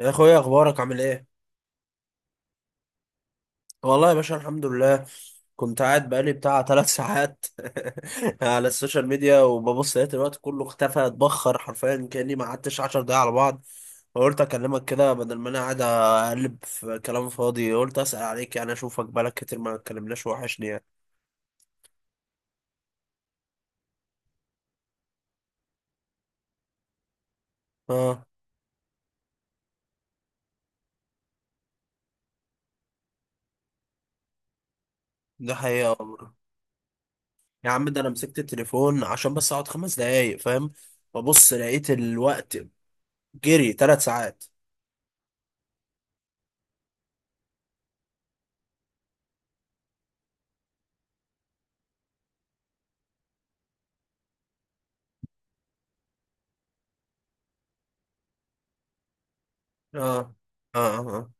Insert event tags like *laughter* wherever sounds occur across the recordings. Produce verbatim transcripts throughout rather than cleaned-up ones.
يا اخويا، اخبارك عامل ايه؟ والله يا باشا، الحمد لله. كنت قاعد بقالي بتاع ثلاث ساعات *laughs* على السوشيال ميديا وببص لقيت الوقت كله اختفى، اتبخر حرفيا، كاني ما قعدتش 10 دقايق على بعض. فقلت اكلمك كده بدل ما انا قاعد اقلب في كلام فاضي، قلت اسال عليك، يعني اشوفك، بقالك كتير ما اتكلمناش، وحشني يعني. اه. ده حقيقه والله. يا عم، ده انا مسكت التليفون عشان بس اقعد خمس دقايق، فاهم؟ ببص لقيت الوقت جري ثلاث ساعات. اه. اه اه.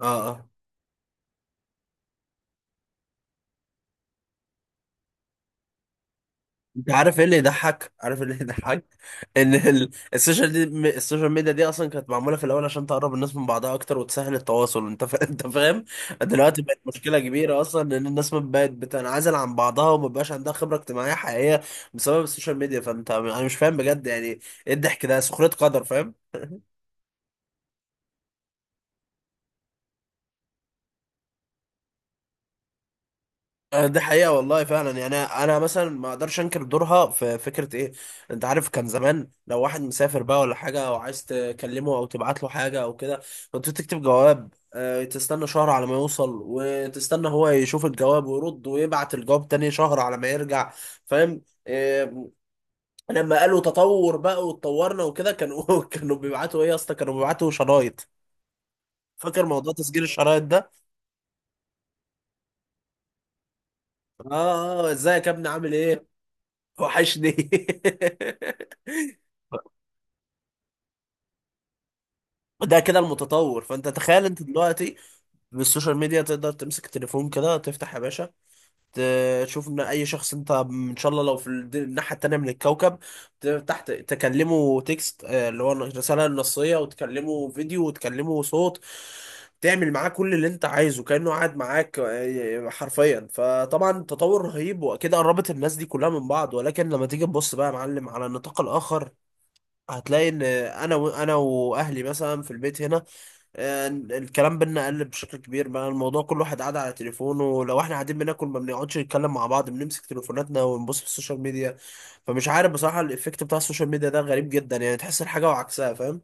اه اه. انت عارف ايه اللي يضحك؟ عارف ايه اللي يضحك؟ ان ال- السوشيال دي م- السوشيال ميديا دي اصلا كانت معموله في الاول عشان تقرب الناس من بعضها اكتر وتسهل التواصل، انت فا... *laughs* انت فاهم. دلوقتي بقت مشكله كبيره، اصلا ان الناس ما بقت بتنعزل عن بعضها وما بقاش عندها خبره اجتماعيه حقيقيه بسبب السوشيال ميديا. فانت انا مش فاهم بجد يعني، ايه الضحك ده؟ سخريه قدر، فاهم؟ آه، ده حقيقة والله فعلا. يعني أنا أنا مثلا ما أقدرش أنكر دورها في فكرة إيه. أنت عارف، كان زمان لو واحد مسافر بقى ولا حاجة، أو عايز تكلمه أو تبعت له حاجة أو كده، كنت تكتب جواب، آه، تستنى شهر على ما يوصل، وتستنى هو يشوف الجواب ويرد ويبعت الجواب تاني شهر على ما يرجع، فاهم؟ آه، لما قالوا تطور بقى واتطورنا وكده، كانوا *laughs* كانوا بيبعتوا إيه يا اسطى؟ كانوا بيبعتوا شرايط. فاكر موضوع تسجيل الشرايط ده؟ آه آه. إزيك يا ابني عامل إيه؟ وحشني. *laughs* ده كده المتطور. فانت تخيل انت دلوقتي بالسوشيال ميديا، تقدر تمسك التليفون كده، تفتح يا باشا، تشوف ان اي شخص انت ان شاء الله لو في الد- الناحيه التانيه من الكوكب، تفتح ت- تكلمه تكست، آه، اللي هو الرساله النصيه، وتكلمه فيديو وتكلمه صوت، تعمل معاه كل اللي انت عايزه كانه قاعد معاك، آه، حرفيا. فطبعا تطور رهيب، واكيد قربت الناس دي كلها من بعض. ولكن لما تيجي تبص بقى يا معلم على النطاق الاخر، هتلاقي ان انا و- انا واهلي مثلا في البيت هنا، آه، الكلام بينا قل بشكل كبير. بقى الموضوع كل واحد قاعد على تليفونه، ولو احنا قاعدين بناكل ما بنقعدش نتكلم مع بعض، بنمسك تليفوناتنا ونبص في السوشيال ميديا. فمش عارف بصراحة، الايفكت بتاع السوشيال ميديا ده غريب جدا، يعني تحس الحاجة وعكسها، فاهم؟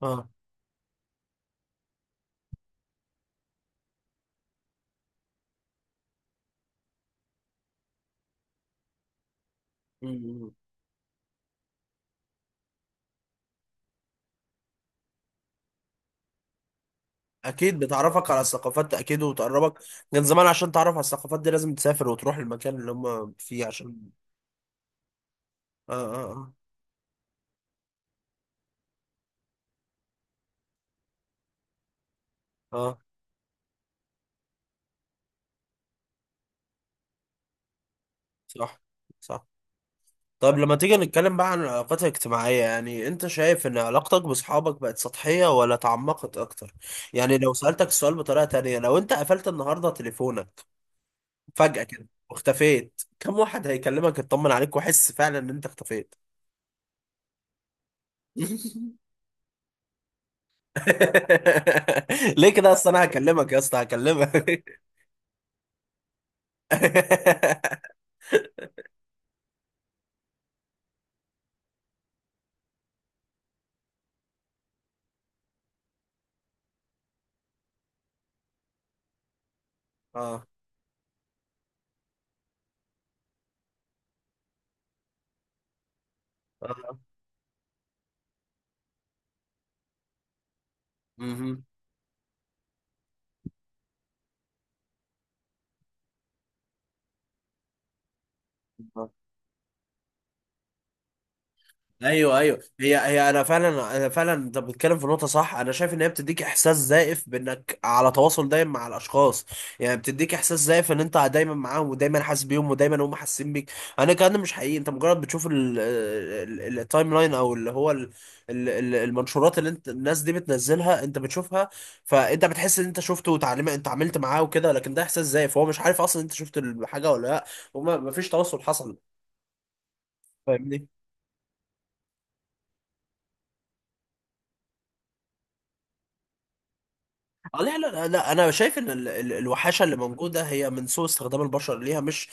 اه. مم. اكيد بتعرفك على الثقافات، اكيد وتقربك. كان زمان عشان تعرف على الثقافات دي لازم تسافر وتروح المكان اللي هم فيه عشان... اه اه. اه، آه. صح. صح. طب لما تيجي نتكلم بقى عن العلاقات الاجتماعية، يعني انت شايف ان علاقتك بصحابك بقت سطحية ولا تعمقت اكتر؟ يعني لو سألتك السؤال بطريقة تانية، لو انت قفلت النهاردة تليفونك فجأة كده واختفيت، كم واحد هيكلمك يطمن عليك وحس فعلا ان انت اختفيت؟ *laughs* ليه كده اصلا؟ انا هكلمك يا اسطى، هكلمك. *laughs* اه اه. مهم. ايوه ايوه. هي هي انا فعلا انا فعلا انت بتتكلم في نقطه صح. انا شايف ان هي بتديك احساس زائف بانك على تواصل دايم مع الاشخاص. يعني بتديك احساس زائف ان انت دايما معاهم، ودايما حاسس بيهم، ودايما هم حاسين بيك. انا الكلام ده مش حقيقي. انت مجرد بتشوف ال- ال- التايم لاين، او اللي هو ال- ال- ال- المنشورات اللي انت الناس دي بتنزلها انت بتشوفها، فانت بتحس ان انت شفته وتعلم انت عملت معاه وكده. لكن ده احساس زائف، هو مش عارف اصلا انت شفت الحاجه ولا لا، وما فيش تواصل حصل، فاهمني؟ آه، لا لا لا، انا شايف ان ال- ال- الوحاشه اللي موجوده هي من سوء استخدام البشر ليها، مش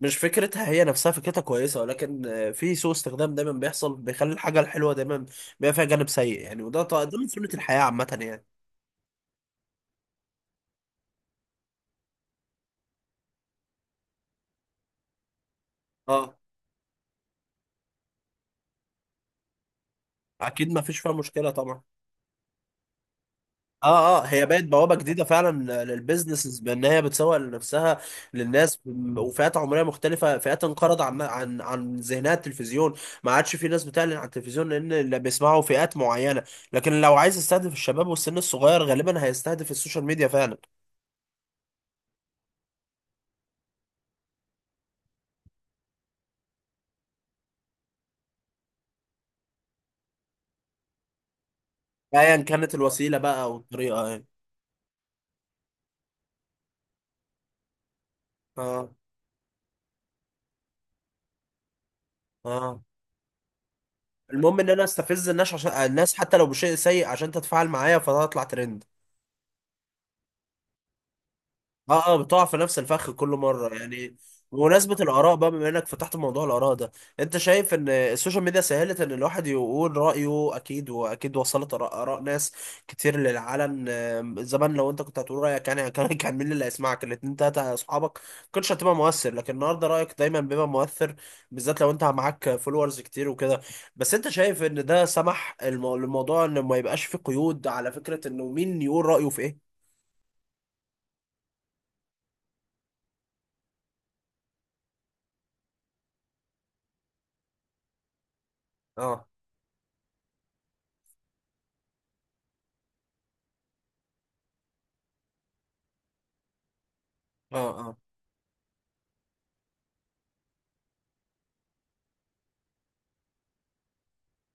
مش فكرتها. هي نفسها فكرتها كويسه، ولكن آه، في سوء استخدام دايما بيحصل بيخلي الحاجه الحلوه دايما بيبقى فيها جانب سيء يعني. وده ط- ده من سنه الحياه عامه يعني. اه، اكيد ما فيش فيها مشكله طبعا. اه اه. هي بقت بوابه جديده فعلا للبيزنسز بان هي بتسوق لنفسها للناس وفئات عمريه مختلفه، فئات انقرض عن عن عن ذهنها التلفزيون، ما عادش في ناس بتعلن على التلفزيون لان اللي بيسمعوا فئات معينه. لكن لو عايز يستهدف الشباب والسن الصغير، غالبا هيستهدف السوشيال ميديا فعلا. ايا كانت الوسيله بقى او الطريقه يعني. اه اه. المهم ان انا استفز الناس، عشان الناس حتى لو بشيء سيء عشان تتفاعل معايا فهتطلع ترند. اه اه. بتقع في نفس الفخ كل مره يعني. بمناسبه الاراء بقى، بما انك فتحت موضوع الاراء ده، انت شايف ان السوشيال ميديا سهلت ان الواحد يقول رايه؟ اكيد. واكيد وصلت اراء آراء ناس كتير للعلن. آم، زمان لو انت كنت هتقول رايك يعني، كان *laughs* كان مين اللي هيسمعك؟ الاتنين تلاته اصحابك، ما كنتش هتبقى مؤثر. لكن النهارده رايك دايما بيبقى مؤثر، بالذات لو انت معاك فولورز كتير وكده. بس انت شايف ان ده سمح المو- للموضوع ان ما يبقاش فيه قيود على فكره انه مين يقول رايه في ايه؟ اه اه. اه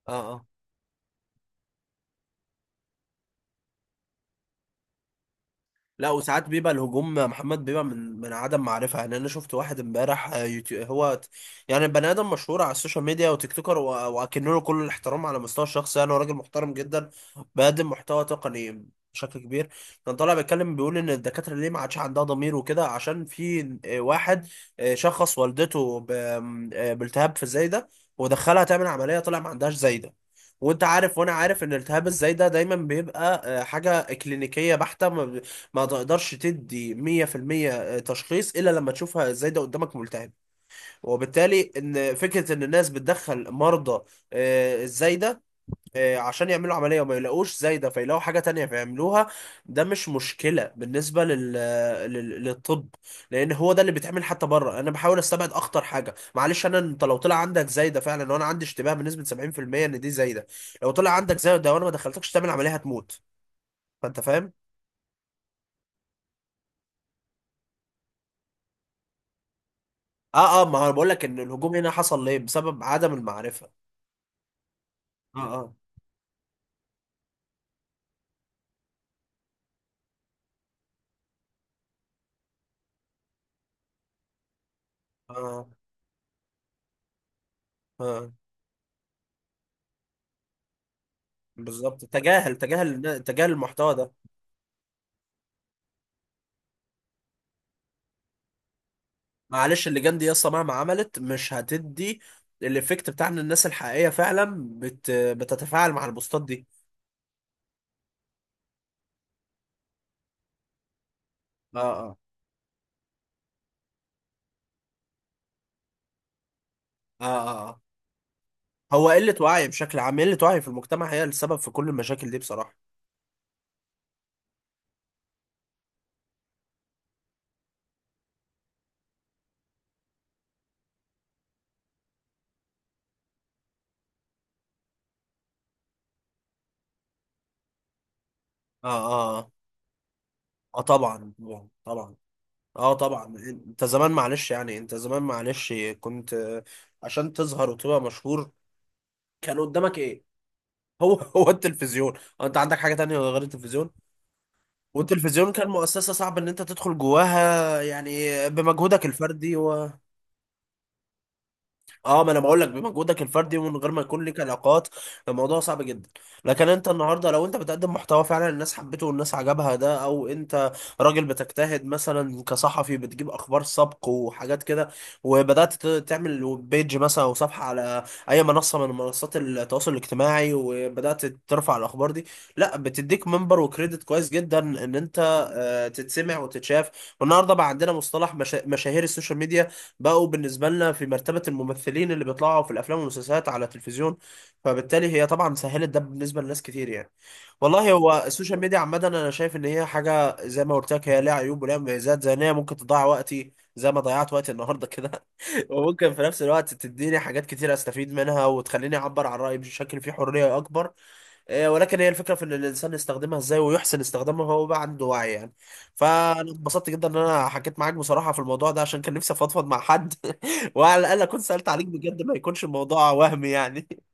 اه. آه. لا، وساعات بيبقى الهجوم محمد بيبقى من من عدم معرفة يعني. أنا شفت واحد امبارح، آه، يوتيو- هو ت- يعني بني آدم مشهور على السوشيال ميديا وتيك توكر، و- وأكن له كل الاحترام على مستوى الشخصي يعني، هو راجل محترم جدا، بيقدم محتوى تقني بشكل كبير. كان طالع بيتكلم بيقول إن الدكاترة ليه ما عادش عندها ضمير وكده، عشان في آه، واحد، آه، شخص والدته ب- آه، بالتهاب في الزايدة، ودخلها تعمل عملية، طلع ما عندهاش زايدة. وانت عارف وانا عارف ان التهاب الزايدة دايما بيبقى آه، حاجة كلينيكية بحتة، ما تقدرش تدي مية في المية تشخيص الا لما تشوفها ازاي ده قدامك ملتهب. وبالتالي ان فكره ان الناس بتدخل مرضى آه، الزايده، آه، عشان يعملوا عمليه وما يلاقوش زايده، فيلاقوا حاجه تانية فيعملوها، ده مش مشكله بالنسبه لل... آه، لل... للطب، لان هو ده اللي بيتعمل حتى بره. انا بحاول استبعد اخطر حاجه، معلش. انا انت لو طلع عندك زايده فعلا، وانا عندي اشتباه بنسبه سبعين في المية ان دي زايده، لو طلع عندك زايده وانا ما دخلتكش تعمل عمليه هتموت، فانت فاهم. اه اه. ما انا بقول لك ان الهجوم هنا حصل ليه بسبب عدم المعرفه. اه اه. اه اه. بالظبط، تجاهل تجاهل تجاهل المحتوى ده. معلش اللجان دي يسطا مهما عملت مش هتدي الايفكت بتاع ان الناس الحقيقيه فعلا بت بتتفاعل مع البوستات دي. اه اه. اه اه. اه. هو قله وعي بشكل عام، قله وعي في المجتمع هي السبب في كل المشاكل دي بصراحه. اه اه. اه. آه، طبعا طبعا طبعا. اه طبعا. انت زمان معلش يعني، انت زمان معلش كنت آه، عشان تظهر وتبقى مشهور، كان قدامك ايه؟ *laughs* هو هو التلفزيون، هو انت عندك حاجة تانية غير التلفزيون؟ والتلفزيون كان مؤسسة صعب ان انت تدخل جواها يعني بمجهودك الفردي. اه، ما انا بقول لك بمجهودك الفردي، ومن غير ما يكون ليك علاقات الموضوع صعب جدا. لكن انت النهارده لو انت بتقدم محتوى فعلا الناس حبته والناس عجبها ده، او انت راجل بتجتهد مثلا كصحفي، بتجيب اخبار سبق وحاجات كده، وبدات ت- تعمل بيج مثلا او صفحه على اي منصه من منصات التواصل الاجتماعي، وبدات ترفع الاخبار دي، لا بتديك منبر وكريدت كويس جدا ان انت آه، تتسمع وتتشاف. والنهارده بقى عندنا مصطلح مشا... مشاهير السوشيال ميديا، بقوا بالنسبة لنا في مرتبة الممثلين اللي بيطلعوا في الأفلام والمسلسلات على التلفزيون. فبالتالي هي طبعا سهلت ده بالنسبة لناس كتير يعني. والله هو السوشيال ميديا عامة، أنا شايف إن هي حاجة زي ما قلت لك، هي ليها عيوب وليها مميزات، زي إن هي ممكن تضيع وقتي زي ما ضيعت وقتي النهاردة كده، *laughs* وممكن في نفس الوقت تديني حاجات كتير أستفيد منها، وتخليني أعبر عن رأيي بشكل فيه حرية أكبر. آه، ولكن هي الفكرة في إن الإنسان يستخدمها إزاي، ويحسن استخدامها، هو بقى عنده وعي يعني. فأنا اتبسطت جدا إن أنا حكيت معاك بصراحة في الموضوع ده، عشان كان نفسي أفضفض مع حد، *laughs* وعلى الأقل أكون سألت عليك بجد، ما يكونش الموضوع وهمي يعني. *laughs*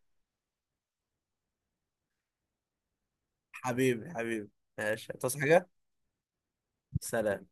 حبيبي حبيبي، ماشي، تصحى حاجة؟ سلام.